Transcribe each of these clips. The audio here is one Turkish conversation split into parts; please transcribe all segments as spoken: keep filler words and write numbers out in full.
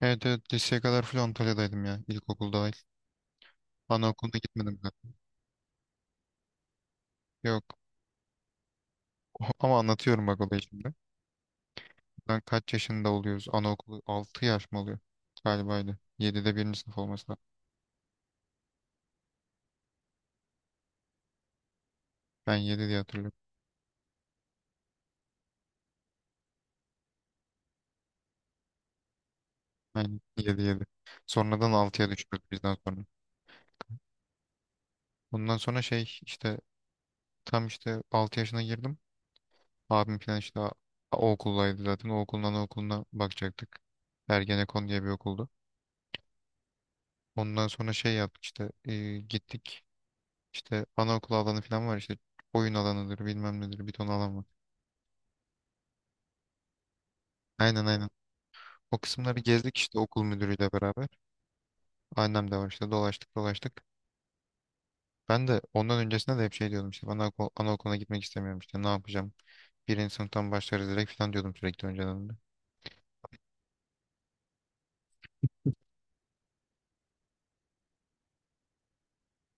Evet, evet, liseye kadar full Antalya'daydım ya. İlkokul dahil. Anaokuluna gitmedim ben. Yok. Ama anlatıyorum bak olayı şimdi. Ben kaç yaşında oluyoruz? Anaokulu altı yaş mı oluyor? Galibaydı. yedide birinci sınıf olması lazım. Ben yedi diye hatırlıyorum. Aynen, yedi yedi. Sonradan altıya düşürdük bizden sonra. Bundan sonra şey işte tam işte altı yaşına girdim. Abim falan işte a- o okuldaydı zaten. O okuldan o okuluna bakacaktık. Ergenekon diye bir okuldu. Ondan sonra şey yaptık işte, e, gittik. İşte anaokulu alanı falan var işte, oyun alanıdır bilmem nedir, bir ton alan var. Aynen, aynen. O kısımları gezdik işte, okul müdürüyle beraber. Annem de var işte, dolaştık dolaştık. Ben de ondan öncesinde de hep şey diyordum işte, bana anaokuluna gitmek istemiyorum işte, ne yapacağım. Birinci sınıftan başlarız direkt falan diyordum sürekli önceden de.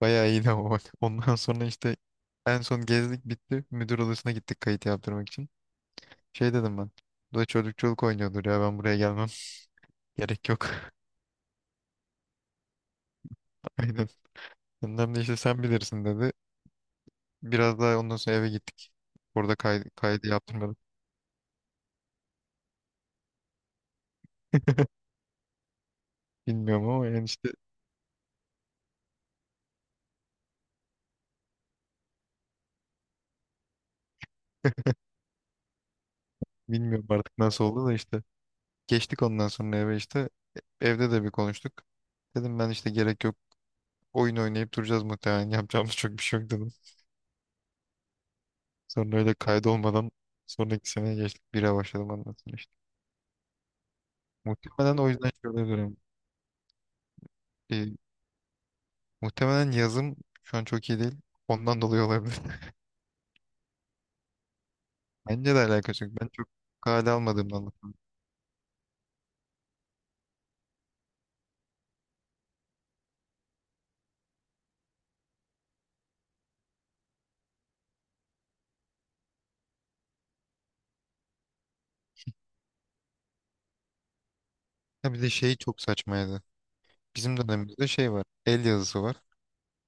Bayağı iyiydi ama bak. Ondan sonra işte en son gezdik bitti. Müdür odasına gittik kayıt yaptırmak için. Şey dedim ben. Bu da çocuk çocuk oynuyordur ya, ben buraya gelmem. Gerek yok. Aynen. Annem de işte sen bilirsin dedi. Biraz daha ondan sonra eve gittik. Orada kay kaydı yaptırmadım. Bilmiyorum ama yani işte, bilmiyorum artık nasıl oldu da işte. Geçtik ondan sonra eve işte. Evde de bir konuştuk. Dedim ben işte, gerek yok. Oyun oynayıp duracağız muhtemelen. Yapacağımız çok bir şey yok dedim. Sonra öyle kaydolmadan sonraki seneye geçtik. Bire başladım ondan sonra işte. Muhtemelen o yüzden şöyle diyorum. E, muhtemelen yazım şu an çok iyi değil. Ondan dolayı olabilir. Bence de alakası yok. Ben çok kale almadığımdan dolayı. Ha, bir de şey çok saçmaydı. Bizim dönemimizde şey var. El yazısı var.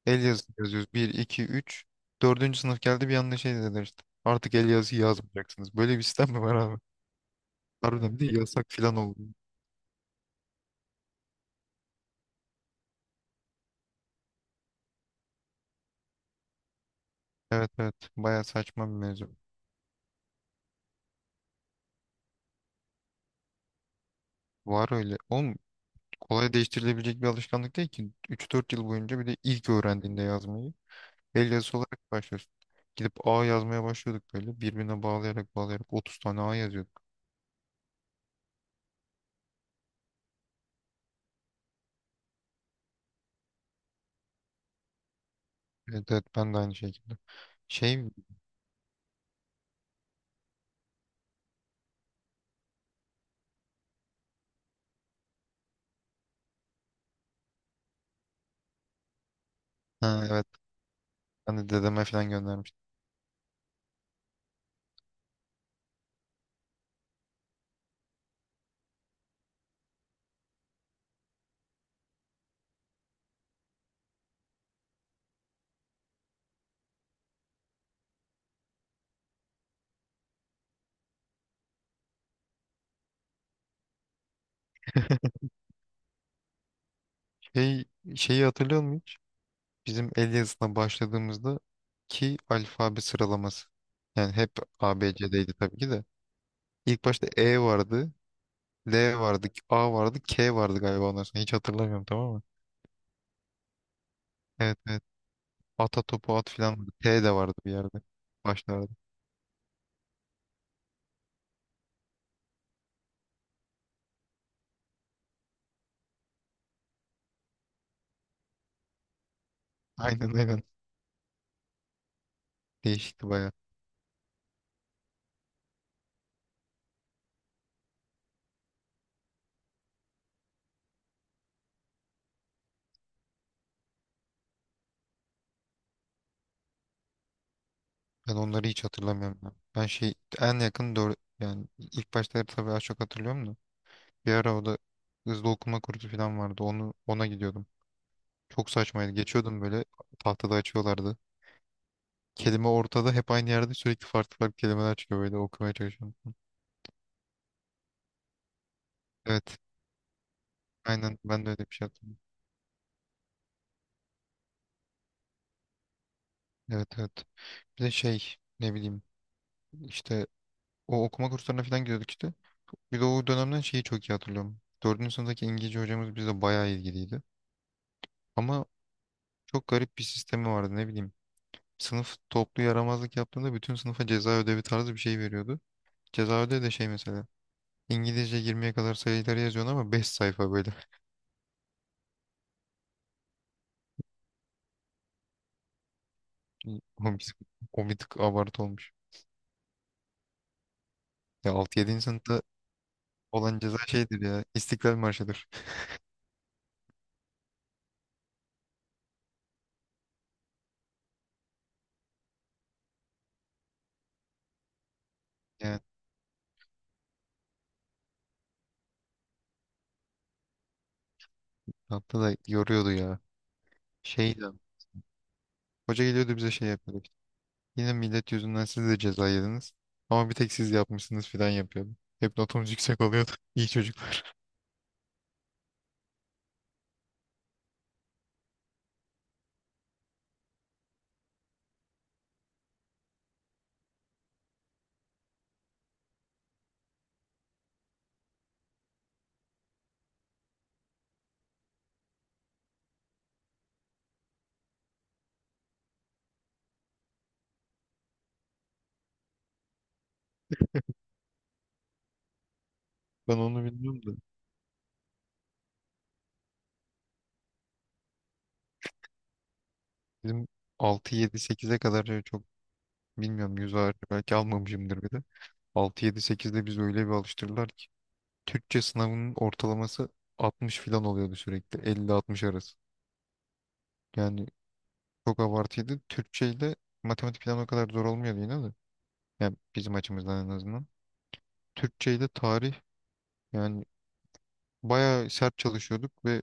El yazısı yazıyoruz. Bir iki üç, dördüncü sınıf geldi bir anda, şey dediler işte. Artık el yazısı yazmayacaksınız. Böyle bir sistem mi var abi? Harbiden bir de yasak filan oldu. Evet, evet. Baya saçma bir mevzu. Var öyle. Oğlum, kolay değiştirilebilecek bir alışkanlık değil ki. Üç dört yıl boyunca, bir de ilk öğrendiğinde yazmayı el yazısı olarak başlıyorsun. Gidip A yazmaya başlıyorduk böyle. Birbirine bağlayarak bağlayarak otuz tane A yazıyorduk. Evet, evet, ben de aynı şekilde. Şey, ha, evet, ben de dedeme falan göndermiştim. Şey, şeyi hatırlıyor musun hiç? Bizim el yazısına başladığımızda ki alfabe sıralaması. Yani hep A B A B C'deydi tabii ki de. İlk başta E vardı, L vardı, A vardı, K vardı galiba ondan sonra. Hiç hatırlamıyorum, tamam mı? Evet, evet. Ata topu at filan vardı. T de vardı bir yerde. Başlarda. Aynen, aynen. Değişikti baya. Ben onları hiç hatırlamıyorum ya. Ben şey, en yakın doğru yani ilk başta tabii az çok hatırlıyorum da. Bir ara o da hızlı okuma kursu falan vardı. Onu, ona gidiyordum. Çok saçmaydı. Geçiyordum böyle, tahtada açıyorlardı. Kelime ortada hep aynı yerde, sürekli farklı farklı kelimeler çıkıyor, böyle okumaya çalışıyorum. Evet. Aynen, ben de öyle bir şey yaptım. Evet, evet. Bir de şey, ne bileyim işte, o okuma kurslarına falan gidiyorduk işte. Bir de o dönemden şeyi çok iyi hatırlıyorum. Dördüncü sınıftaki İngilizce hocamız bize bayağı ilgiliydi. Ama çok garip bir sistemi vardı, ne bileyim. Sınıf toplu yaramazlık yaptığında bütün sınıfa ceza ödevi tarzı bir şey veriyordu. Ceza ödevi de şey mesela. İngilizce yirmiye kadar sayıları yazıyorsun ama beş sayfa böyle. Komik, o bir tık abartı olmuş. Ya altı-yedinci sınıfta olan ceza şeydir ya. İstiklal Marşı'dır. Yani hatta da yoruyordu ya. Şey de. Hoca geliyordu bize şey yapıyordu işte. Yine millet yüzünden siz de ceza yediniz. Ama bir tek siz yapmışsınız filan yapıyordu. Hep notumuz yüksek oluyordu. İyi çocuk. Ben onu bilmiyorum da. Bizim altı yedi sekize kadar şey çok bilmiyorum. Yüz ağır belki almamışımdır bir de. altı yedi sekizde biz öyle bir alıştırdılar ki. Türkçe sınavının ortalaması altmış filan oluyordu sürekli. elli altmış arası. Yani çok abartıydı. Türkçeyle matematik falan o kadar zor olmuyordu yine de. Yani bizim açımızdan en azından. Türkçeyle tarih yani bayağı sert çalışıyorduk ve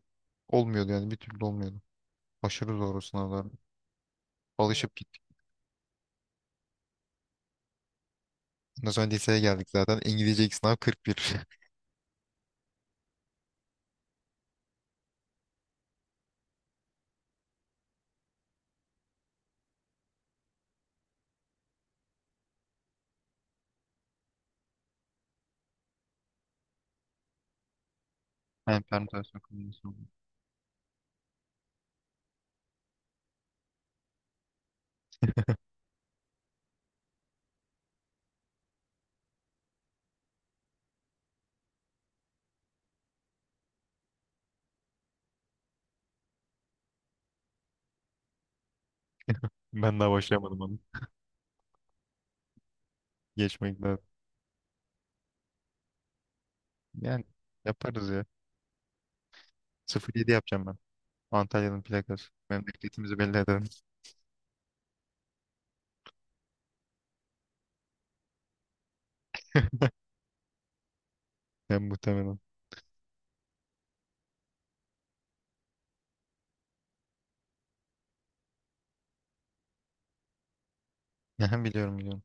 olmuyordu, yani bir türlü olmuyordu. Aşırı zor o sınavlar. Evet. Alışıp gittik. Ondan sonra liseye geldik zaten. İngilizce ilk sınav kırk bir. Yani permütasyon kombinasyonu. Ben daha başlayamadım onu. Geçmek lazım. Yani, yaparız ya. Sıfır yedi yapacağım ben. Antalya'nın plakası. Memleketimizi belli ederim. Ben muhtemelen. Yani, biliyorum, biliyorum.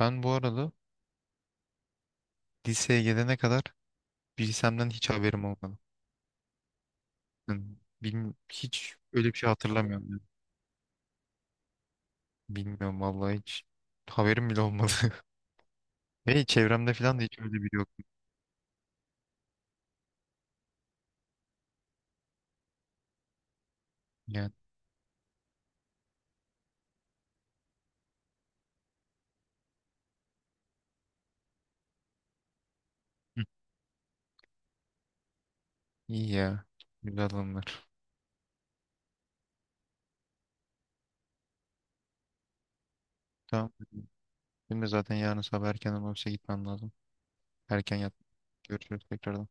Ben bu arada liseye gelene kadar bilsemden hiç haberim olmadı. Yani, bilmi- hiç öyle bir şey hatırlamıyorum yani. Bilmiyorum vallahi, hiç haberim bile olmadı. Ve çevremde falan da hiç öyle biri yok. Yani, hı, iyi ya. Güzel anılar. Tamam. Benim de zaten yarın sabah erken olursa gitmem lazım. Erken yat. Görüşürüz tekrardan.